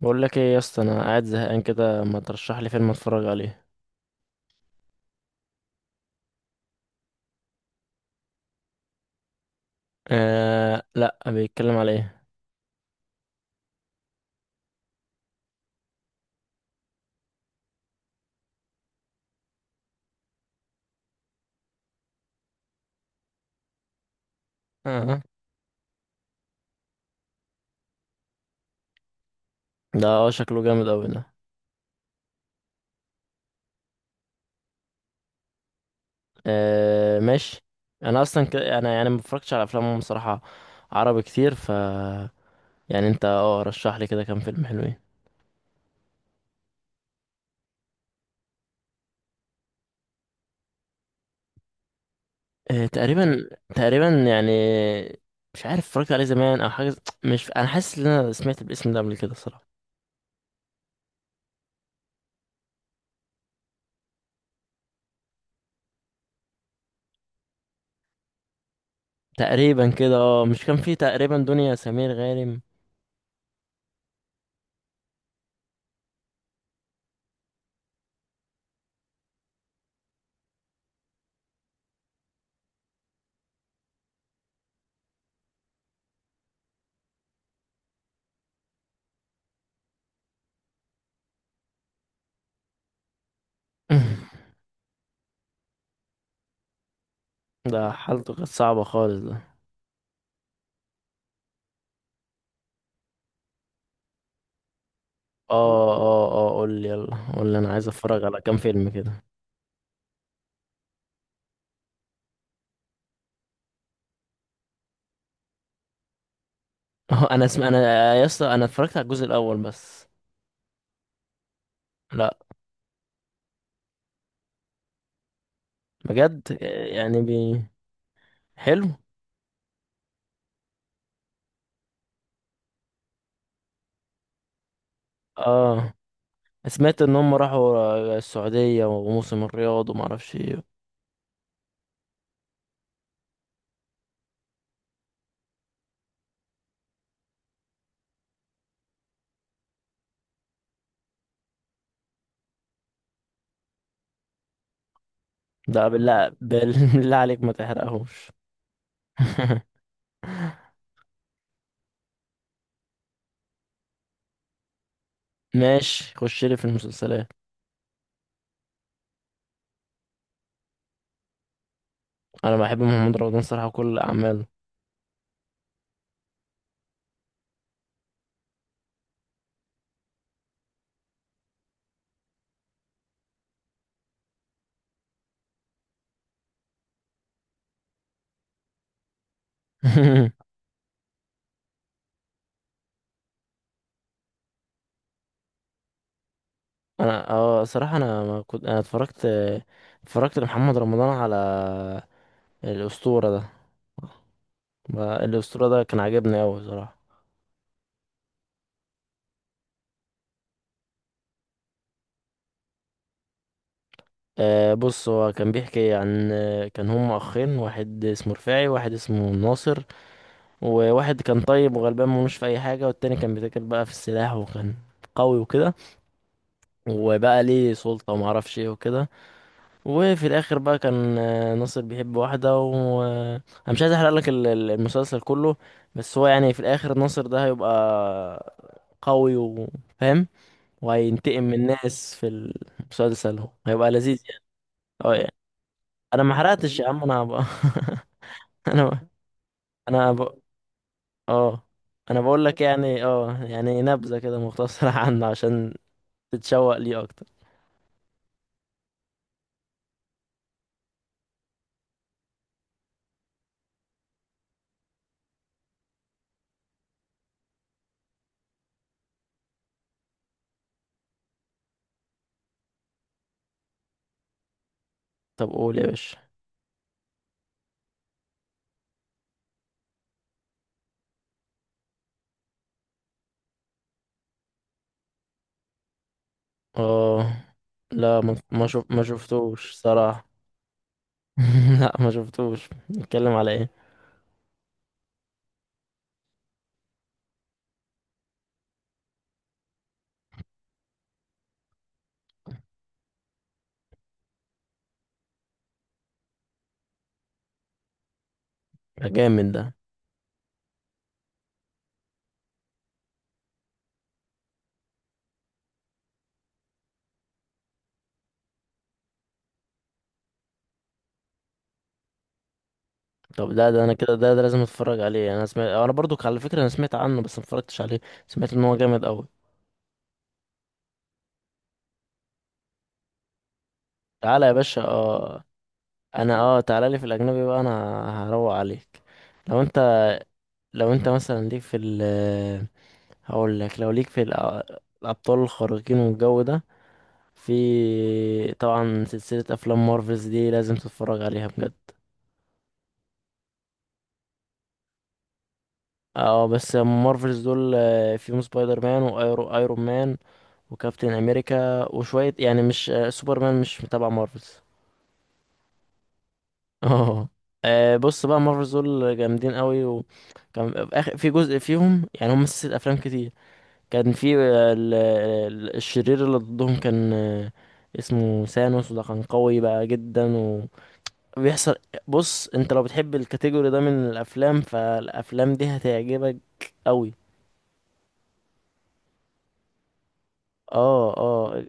بقول لك ايه يا اسطى؟ انا قاعد زهقان كده، ما ترشح لي فيلم اتفرج عليه؟ آه، لا، بيتكلم على ايه؟ آه. ده شكله جامد قوي ده. آه، ماشي. انا اصلا انا يعني ما بفرجش على افلام بصراحه، عربي كتير، ف يعني انت رشح لي كده كام فيلم حلوين. آه، تقريبا. تقريبا يعني. مش عارف اتفرجت عليه زمان او حاجه. مش، انا حاسس ان انا سمعت الاسم ده قبل كده صراحه. تقريبا كده، مش كان فيه تقريبا دنيا سمير غانم؟ ده حالته كانت صعبة خالص ده. اه اه اه، قول لي يلا، قول لي، انا عايز اتفرج على كام فيلم كده. اه انا اسم انا، يا اسطى انا اتفرجت على الجزء الاول بس. لا، بجد. يعني حلو. اه، سمعت ان هم راحوا السعودية وموسم الرياض وما اعرفش ايه. ده بالله بالله عليك ما تحرقهوش. ماشي، خش لي في المسلسلات. انا بحب محمد رمضان صراحة وكل اعماله. انا صراحه انا ما كنت، انا اتفرجت، لمحمد رمضان على الاسطوره ده. الاسطوره ده كان عاجبني قوي صراحه. آه، بص هو كان بيحكي عن، كان هم اخين، واحد اسمه رفاعي واحد اسمه ناصر. وواحد كان طيب وغلبان ملوش في اي حاجه، والتاني كان بيتاجر بقى في السلاح وكان قوي وكده، وبقى ليه سلطه وما اعرفش ايه وكده. وفي الاخر بقى كان ناصر بيحب واحده و انا مش عايز احرق لك المسلسل كله. بس هو يعني في الاخر ناصر ده هيبقى قوي وفاهم، وهينتقم من الناس في المسلسل. هيبقى لذيذ يعني. اه يعني، انا ما حرقتش يا عم انا بقى. انا، انا ب... اه، انا بقول لك يعني يعني نبذه كده مختصره عنه عشان تتشوق ليه اكتر. طب قول يا باشا. اه لا، ما شفتوش صراحه. لا ما شفتوش، بيتكلم على ايه؟ ده جامد ده. طب ده انا كده ده، لازم اتفرج عليه. انا سمعت، انا برضو على فكره انا سمعت عنه بس ما اتفرجتش عليه. سمعت ان هو جامد قوي. تعالى يا باشا. اه، انا تعالى لي في الاجنبي بقى، انا هروق عليك. لو انت، لو انت مثلا ليك في ال، هقول لك لو ليك في الابطال الخارقين والجو ده، في طبعا سلسله افلام مارفلز دي لازم تتفرج عليها بجد. اه، بس مارفلز دول فيهم سبايدر مان وايرون ايرون مان وكابتن امريكا وشويه، يعني مش سوبرمان مش تبع مارفلز. اه. بص بقى مارفلز دول جامدين قوي، وكان في في جزء فيهم، يعني هم سلسله افلام كتير. كان في الشرير اللي ضدهم كان اسمه ثانوس، وده كان قوي بقى جدا. وبيحصل، بص انت لو بتحب الكاتيجوري ده من الافلام فالافلام دي هتعجبك قوي. اه اه.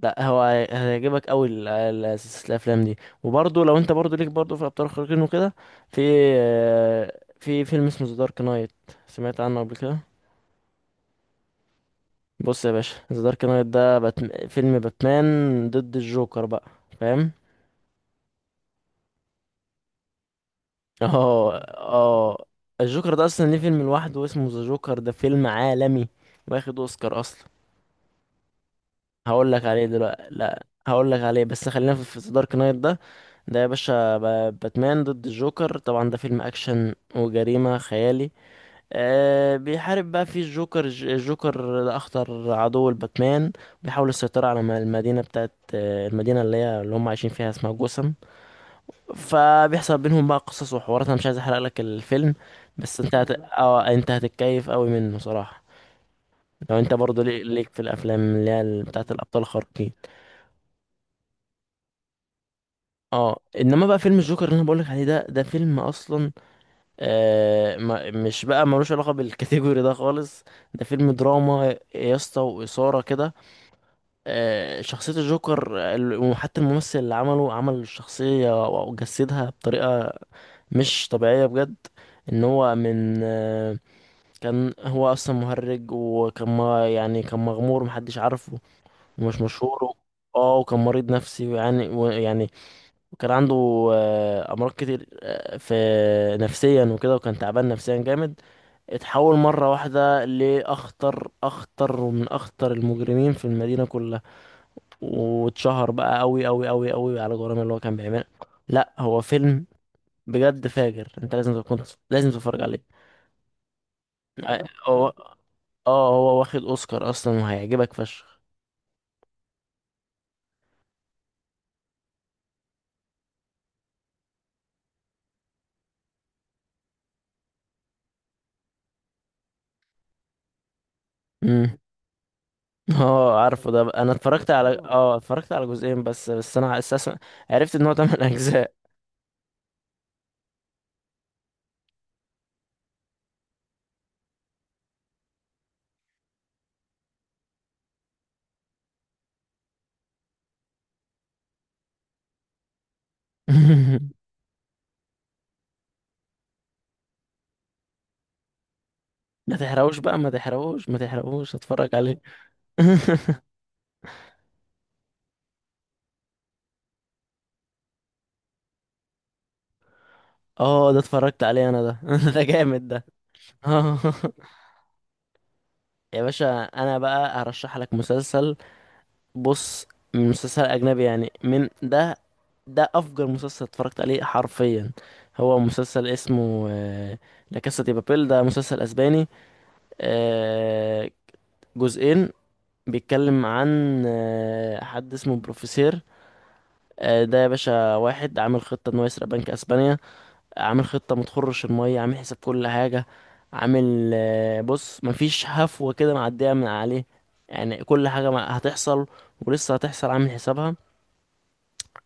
لا هو هيعجبك قوي سلسلة الافلام دي. وبرضه لو انت برضه ليك برضه في الابطال الخارقين وكده، في في فيلم اسمه ذا دارك نايت. سمعت عنه قبل كده؟ بص يا باشا، ذا دارك نايت ده فيلم باتمان ضد الجوكر بقى، فاهم؟ اه اه. الجوكر ده اصلا ليه فيلم لوحده اسمه ذا جوكر، ده فيلم عالمي واخد اوسكار اصلا. هقول لك عليه دلوقتي، لا هقول لك عليه بس خلينا في دارك نايت ده. ده يا باشا باتمان ضد الجوكر، طبعا ده فيلم اكشن وجريمة خيالي. بيحارب بقى فيه الجوكر، الجوكر ده اخطر عدو لباتمان. بيحاول السيطرة على المدينة بتاعت المدينة اللي هي اللي هم عايشين فيها اسمها جوثام. فبيحصل بينهم بقى قصص وحوارات، انا مش عايز احرق لك الفيلم. بس انت هت... اه انت هتتكيف قوي منه صراحة. لو انت برضو ليك، في الافلام اللي هي بتاعت الابطال الخارقين. اه، انما بقى فيلم الجوكر اللي انا بقولك عليه ده فيلم اصلا. آه ما مش بقى ملوش علاقه بالكاتيجوري ده خالص. ده فيلم دراما يا اسطى واثاره كده. شخصيه الجوكر وحتى الممثل اللي عمله عمل الشخصيه وجسدها بطريقه مش طبيعيه بجد. ان هو من كان هو اصلا مهرج، وكان ما يعني كان مغمور محدش عارفه ومش مشهور. اه، وكان مريض نفسي يعني ويعني، وكان عنده امراض كتير في نفسيا وكده، وكان تعبان نفسيا جامد. اتحول مره واحده لاخطر، اخطر ومن اخطر المجرمين في المدينه كلها، واتشهر بقى قوي قوي قوي قوي على جرائم اللي هو كان بيعملها. لا هو فيلم بجد فاجر، انت لازم تكون، لازم تتفرج عليه. آه، هو اه هو واخد اوسكار اصلا وهيعجبك فشخ. امم. اه، عارفه ده بقى. انا اتفرجت على اتفرجت على جزئين بس، انا اساسا عرفت ان هو 8 اجزاء. ما تحرقوش بقى، ما تحرقوش، ما تحرقوش، اتفرج عليه. اه ده اتفرجت عليه انا ده. ده جامد ده. اه. يا باشا انا بقى هرشح لك مسلسل. بص، مسلسل اجنبي يعني من ده. ده افجر مسلسل اتفرجت عليه حرفيا. هو مسلسل اسمه لا كاسا دي بابيل، ده مسلسل اسباني آه، جزئين. بيتكلم عن حد اسمه بروفيسير. ده يا باشا واحد عامل خطة انه يسرق بنك اسبانيا. عامل خطة متخرش المية، عامل حساب كل حاجة. عامل بص مفيش هفوة كده معدية من عليه. يعني كل حاجة هتحصل ولسه هتحصل عامل حسابها.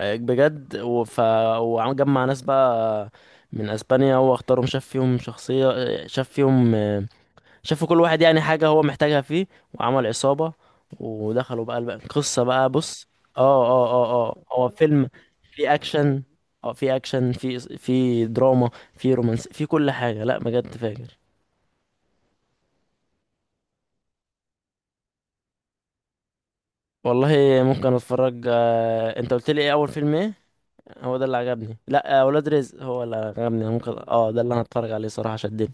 بجد. و- ف وجمع ناس بقى من اسبانيا، هو اختارهم، شاف فيهم شخصية، آه، شاف فيهم آه، شافوا كل واحد يعني حاجة هو محتاجها فيه. وعمل عصابة ودخلوا بقى القصة بقى. بص. اه اه اه اه، هو فيلم فيه أكشن. اه فيه أكشن، فيه دراما، فيه رومانس، فيه كل حاجة. لا بجد فاجر. والله ممكن أتفرج. أنت قلت لي إيه أول فيلم إيه؟ هو ده اللي عجبني. لا ولاد رزق هو اللي عجبني أنا، ممكن ده اللي أنا أتفرج عليه صراحة، شدني.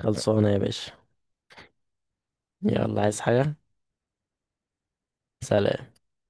خلصانة يا باشا. يلا، عايز حاجة؟ سلام.